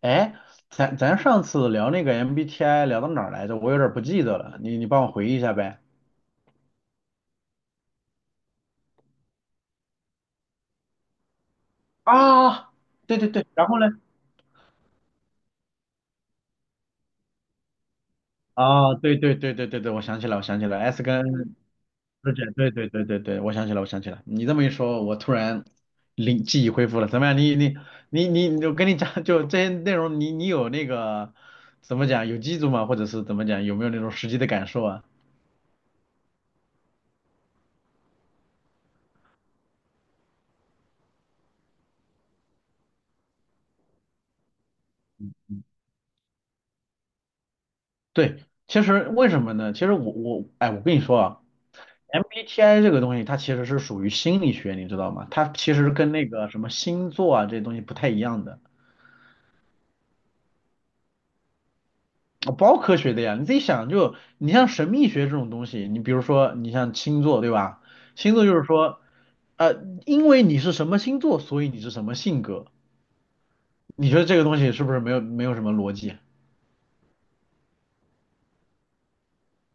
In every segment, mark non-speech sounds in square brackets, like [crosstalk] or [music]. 哎，咱上次聊那个 MBTI 聊到哪儿来着？我有点儿不记得了，你帮我回忆一下呗。啊，对对对，然后呢？啊，对对对对对对，我想起来，我想起来，S 跟 R 姐，对对对对对，我想起来，我想起来。你这么一说，我突然灵记忆恢复了。怎么样？你，我跟你讲，就这些内容，你有那个怎么讲，有记住吗？或者是怎么讲，有没有那种实际的感受啊？对，其实为什么呢？其实我哎，我跟你说啊。MBTI 这个东西，它其实是属于心理学，你知道吗？它其实跟那个什么星座啊这些东西不太一样的，啊包科学的呀。你自己想就，你像神秘学这种东西，你比如说你像星座对吧？星座就是说，呃，因为你是什么星座，所以你是什么性格。你觉得这个东西是不是没有什么逻辑啊？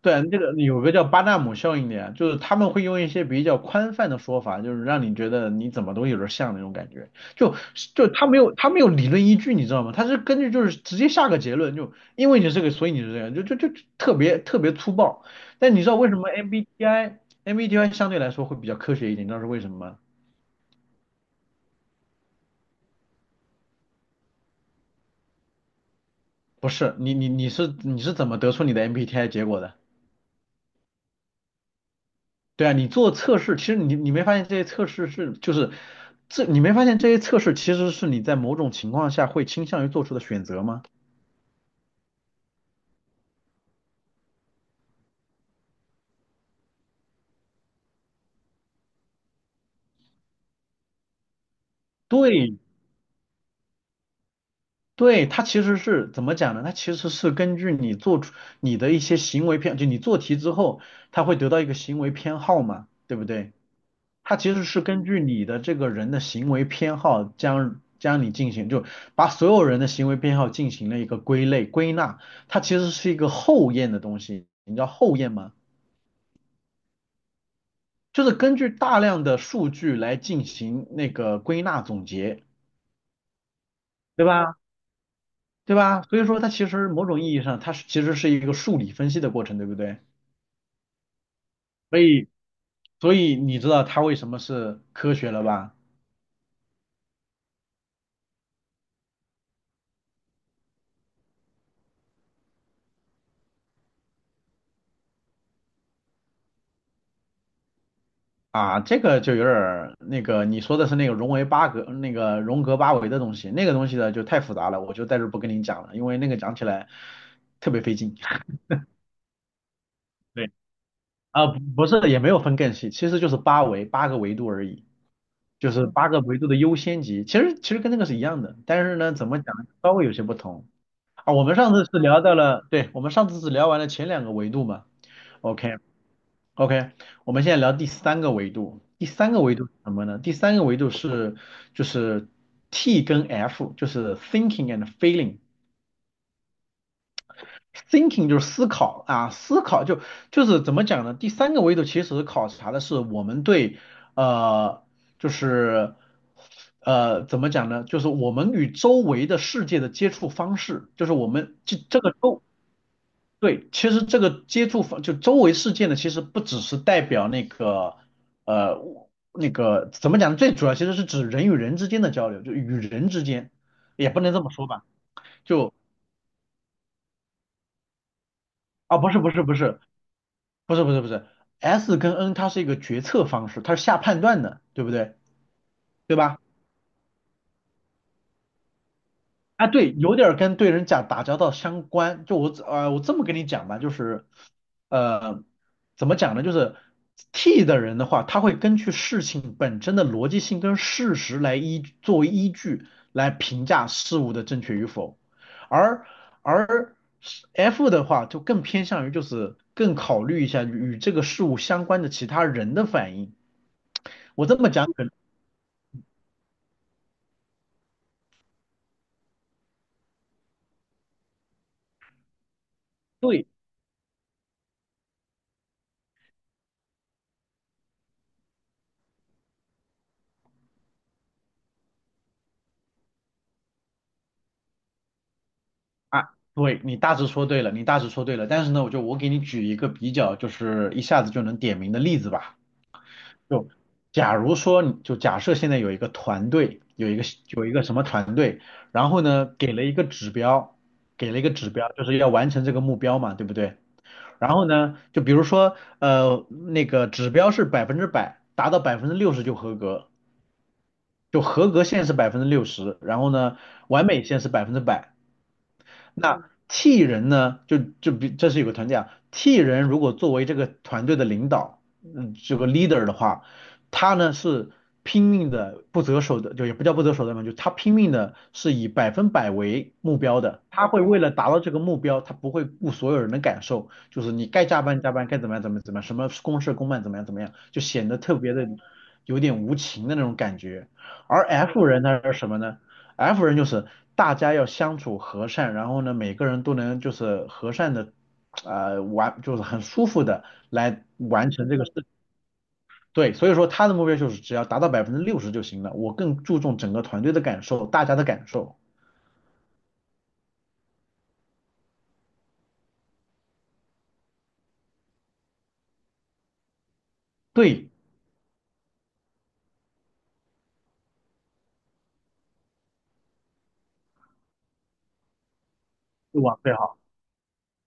对，这个有个叫巴纳姆效应的呀，就是他们会用一些比较宽泛的说法，就是让你觉得你怎么都有点像那种感觉，就他没有理论依据，你知道吗？他是根据就是直接下个结论，就因为你是这个，所以你是这样，就特别特别粗暴。但你知道为什么 MBTI 相对来说会比较科学一点？你知道是为什么吗？不是，你是怎么得出你的 MBTI 结果的？对啊，你做测试，其实你没发现这些测试是就是这你没发现这些测试其实是你在某种情况下会倾向于做出的选择吗？对对，它其实是怎么讲呢？它其实是根据你做出你的一些行为偏，就你做题之后，它会得到一个行为偏好嘛，对不对？它其实是根据你的这个人的行为偏好将你进行，就把所有人的行为偏好进行了一个归类归纳，它其实是一个后验的东西，你知道后验吗？就是根据大量的数据来进行那个归纳总结，对吧？对吧？所以说它其实某种意义上，它是其实是一个数理分析的过程，对不对？所以，所以你知道它为什么是科学了吧？啊，这个就有点儿那个，你说的是那个荣维八格、那个荣格八维的东西，那个东西呢就太复杂了，我就在这儿不跟您讲了，因为那个讲起来特别费劲。[laughs] 对，啊，不不是，也没有分更细，其实就是八维八个维度而已。就是八个维度的优先级，其实跟那个是一样的，但是呢，怎么讲稍微有些不同啊。我们上次是聊到了，对，我们上次是聊完了前两个维度嘛，OK OK，我们现在聊第三个维度，第三个维度是什么呢？第三个维度是就是 T 跟 F，就是 thinking and feeling。thinking 就是思考啊，思考就就是怎么讲呢？第三个维度其实考察的是我们对呃，就是怎么讲呢？就是我们与周围的世界的接触方式，就是我们这个周对，其实这个接触方就周围世界呢，其实不只是代表那个呃那个怎么讲呢？最主要其实是指人与人之间的交流，就与人之间，也不能这么说吧。就啊，不是，不是，S 跟 N 它是一个决策方式，它是下判断的，对不对？对吧？啊，对，有点儿跟对人讲打交道相关。就我我这么跟你讲吧，就是呃，怎么讲呢？就是 T 的人的话，他会根据事情本身的逻辑性跟事实来依作为依据来评价事物的正确与否，而而 F 的话就更偏向于就是更考虑一下与这个事物相关的其他人的反应。我这么讲可能对啊，对你大致说对了，你大致说对了。但是呢，我就我给你举一个比较，就是一下子就能点名的例子吧。就假如说你，就假设现在有一个团队，有一个什么团队，然后呢给了一个指标，给了一个指标，就是要完成这个目标嘛，对不对？然后呢，就比如说那个指标是百分之百，达到百分之六十就合格，就合格线是百分之六十，然后呢完美线是百分之百。那 T 人呢，就就比这是有个团队啊，T 人如果作为这个团队的领导，嗯，这个 leader 的话，他呢是拼命的不择手段，就也不叫不择手段嘛，就他拼命的是以百分百为目标的，他会为了达到这个目标，他不会顾所有人的感受，就是你该加班加班，该怎么样怎么样怎么样，什么公事公办怎么样怎么样，就显得特别的有点无情的那种感觉。而 F 人他是什么呢？F 人就是大家要相处和善，然后呢，每个人都能就是和善的，完就是很舒服的来完成这个事。对，所以说他的目标就是只要达到百分之六十就行了。我更注重整个团队的感受，大家的感受，对，就往最好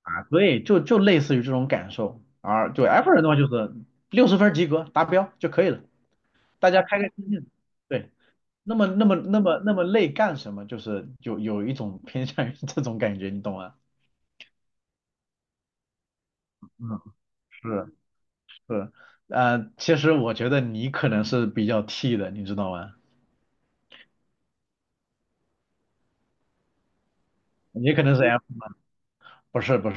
啊，对，就就类似于这种感受。而对 F 人的话就是六十分及格达标就可以了，大家开开心心的。对，那么累干什么？就是有有一种偏 [laughs] 向于这种感觉，你懂吗？嗯。是是，其实我觉得你可能是比较 T 的，你知道吗？你可能是 F，不是，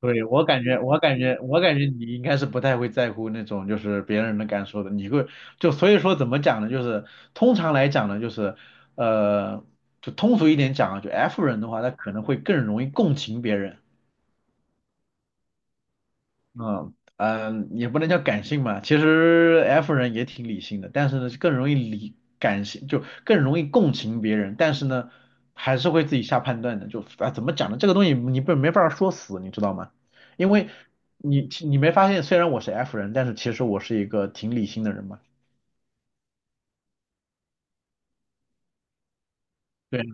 对，我感觉你应该是不太会在乎那种就是别人的感受的，你会就所以说怎么讲呢？就是通常来讲呢，就是呃，就通俗一点讲啊，就 F 人的话，他可能会更容易共情别人。嗯嗯，也不能叫感性吧，其实 F 人也挺理性的，但是呢，更容易理感性，就更容易共情别人，但是呢，还是会自己下判断的。就啊，怎么讲呢？这个东西你不没法说死，你知道吗？因为你没发现，虽然我是 F 人，但是其实我是一个挺理性的人嘛。对。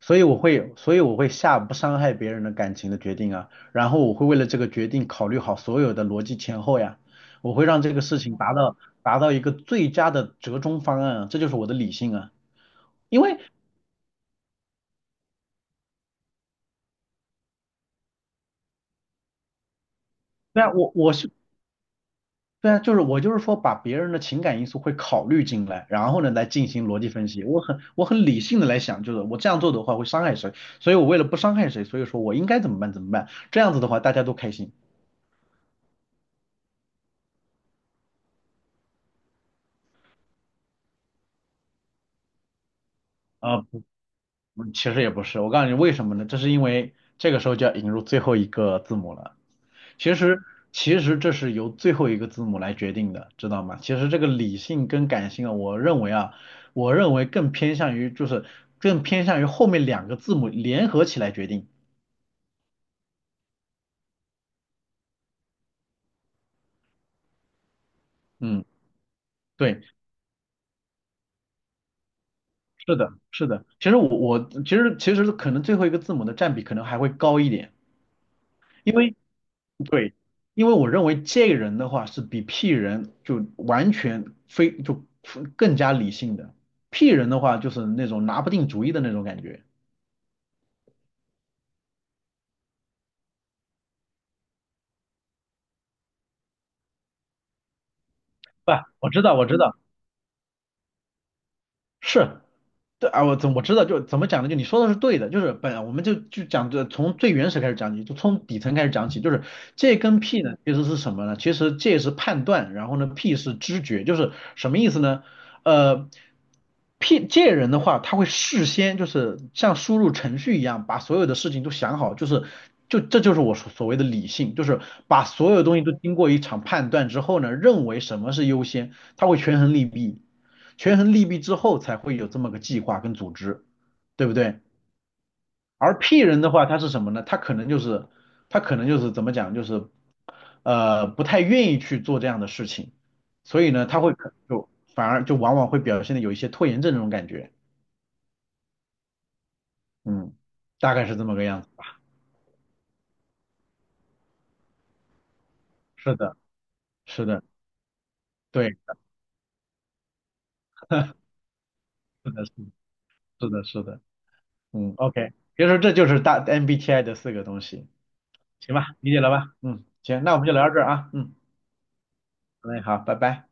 所以我会，所以我会下不伤害别人的感情的决定啊，然后我会为了这个决定考虑好所有的逻辑前后呀，我会让这个事情达到达到一个最佳的折中方案啊，这就是我的理性啊，因为对啊，我是对啊，就是我就是说把别人的情感因素会考虑进来，然后呢来进行逻辑分析，我很理性的来想，就是我这样做的话会伤害谁，所以我为了不伤害谁，所以说我应该怎么办怎么办，这样子的话大家都开心。啊。嗯其实也不是，我告诉你为什么呢？这是因为这个时候就要引入最后一个字母了。其实，其实这是由最后一个字母来决定的，知道吗？其实这个理性跟感性啊，我认为啊，我认为更偏向于就是更偏向于后面两个字母联合起来决定。嗯，对，是的，是的。其实我其实可能最后一个字母的占比可能还会高一点，因为对，因为我认为这个人的话是比 P 人就完全非就更加理性的，P 人的话就是那种拿不定主意的那种感觉。不，我知道，是，对啊，我怎我知道，就怎么讲呢？就你说的是对的，就是本我们就就讲这从最原始开始讲起，就从底层开始讲起，就是这跟 P 呢其实是什么呢？其实这是判断，然后呢 P 是知觉，就是什么意思呢？呃，P 这人的话，他会事先就是像输入程序一样，把所有的事情都想好，就是就这就是我所所谓的理性，就是把所有东西都经过一场判断之后呢，认为什么是优先，他会权衡利弊。权衡利弊之后才会有这么个计划跟组织，对不对？而 P 人的话，他是什么呢？他可能就是怎么讲，就是不太愿意去做这样的事情，所以呢，他会可就反而就往往会表现的有一些拖延症这种感觉，嗯，大概是这么个样子。是的，是的，对，[laughs] 是的，是的，是的，嗯，OK，别说这就是大 MBTI 的四个东西，行吧，理解了吧？嗯，行，那我们就聊到这儿啊，嗯，好嘞，好，拜拜。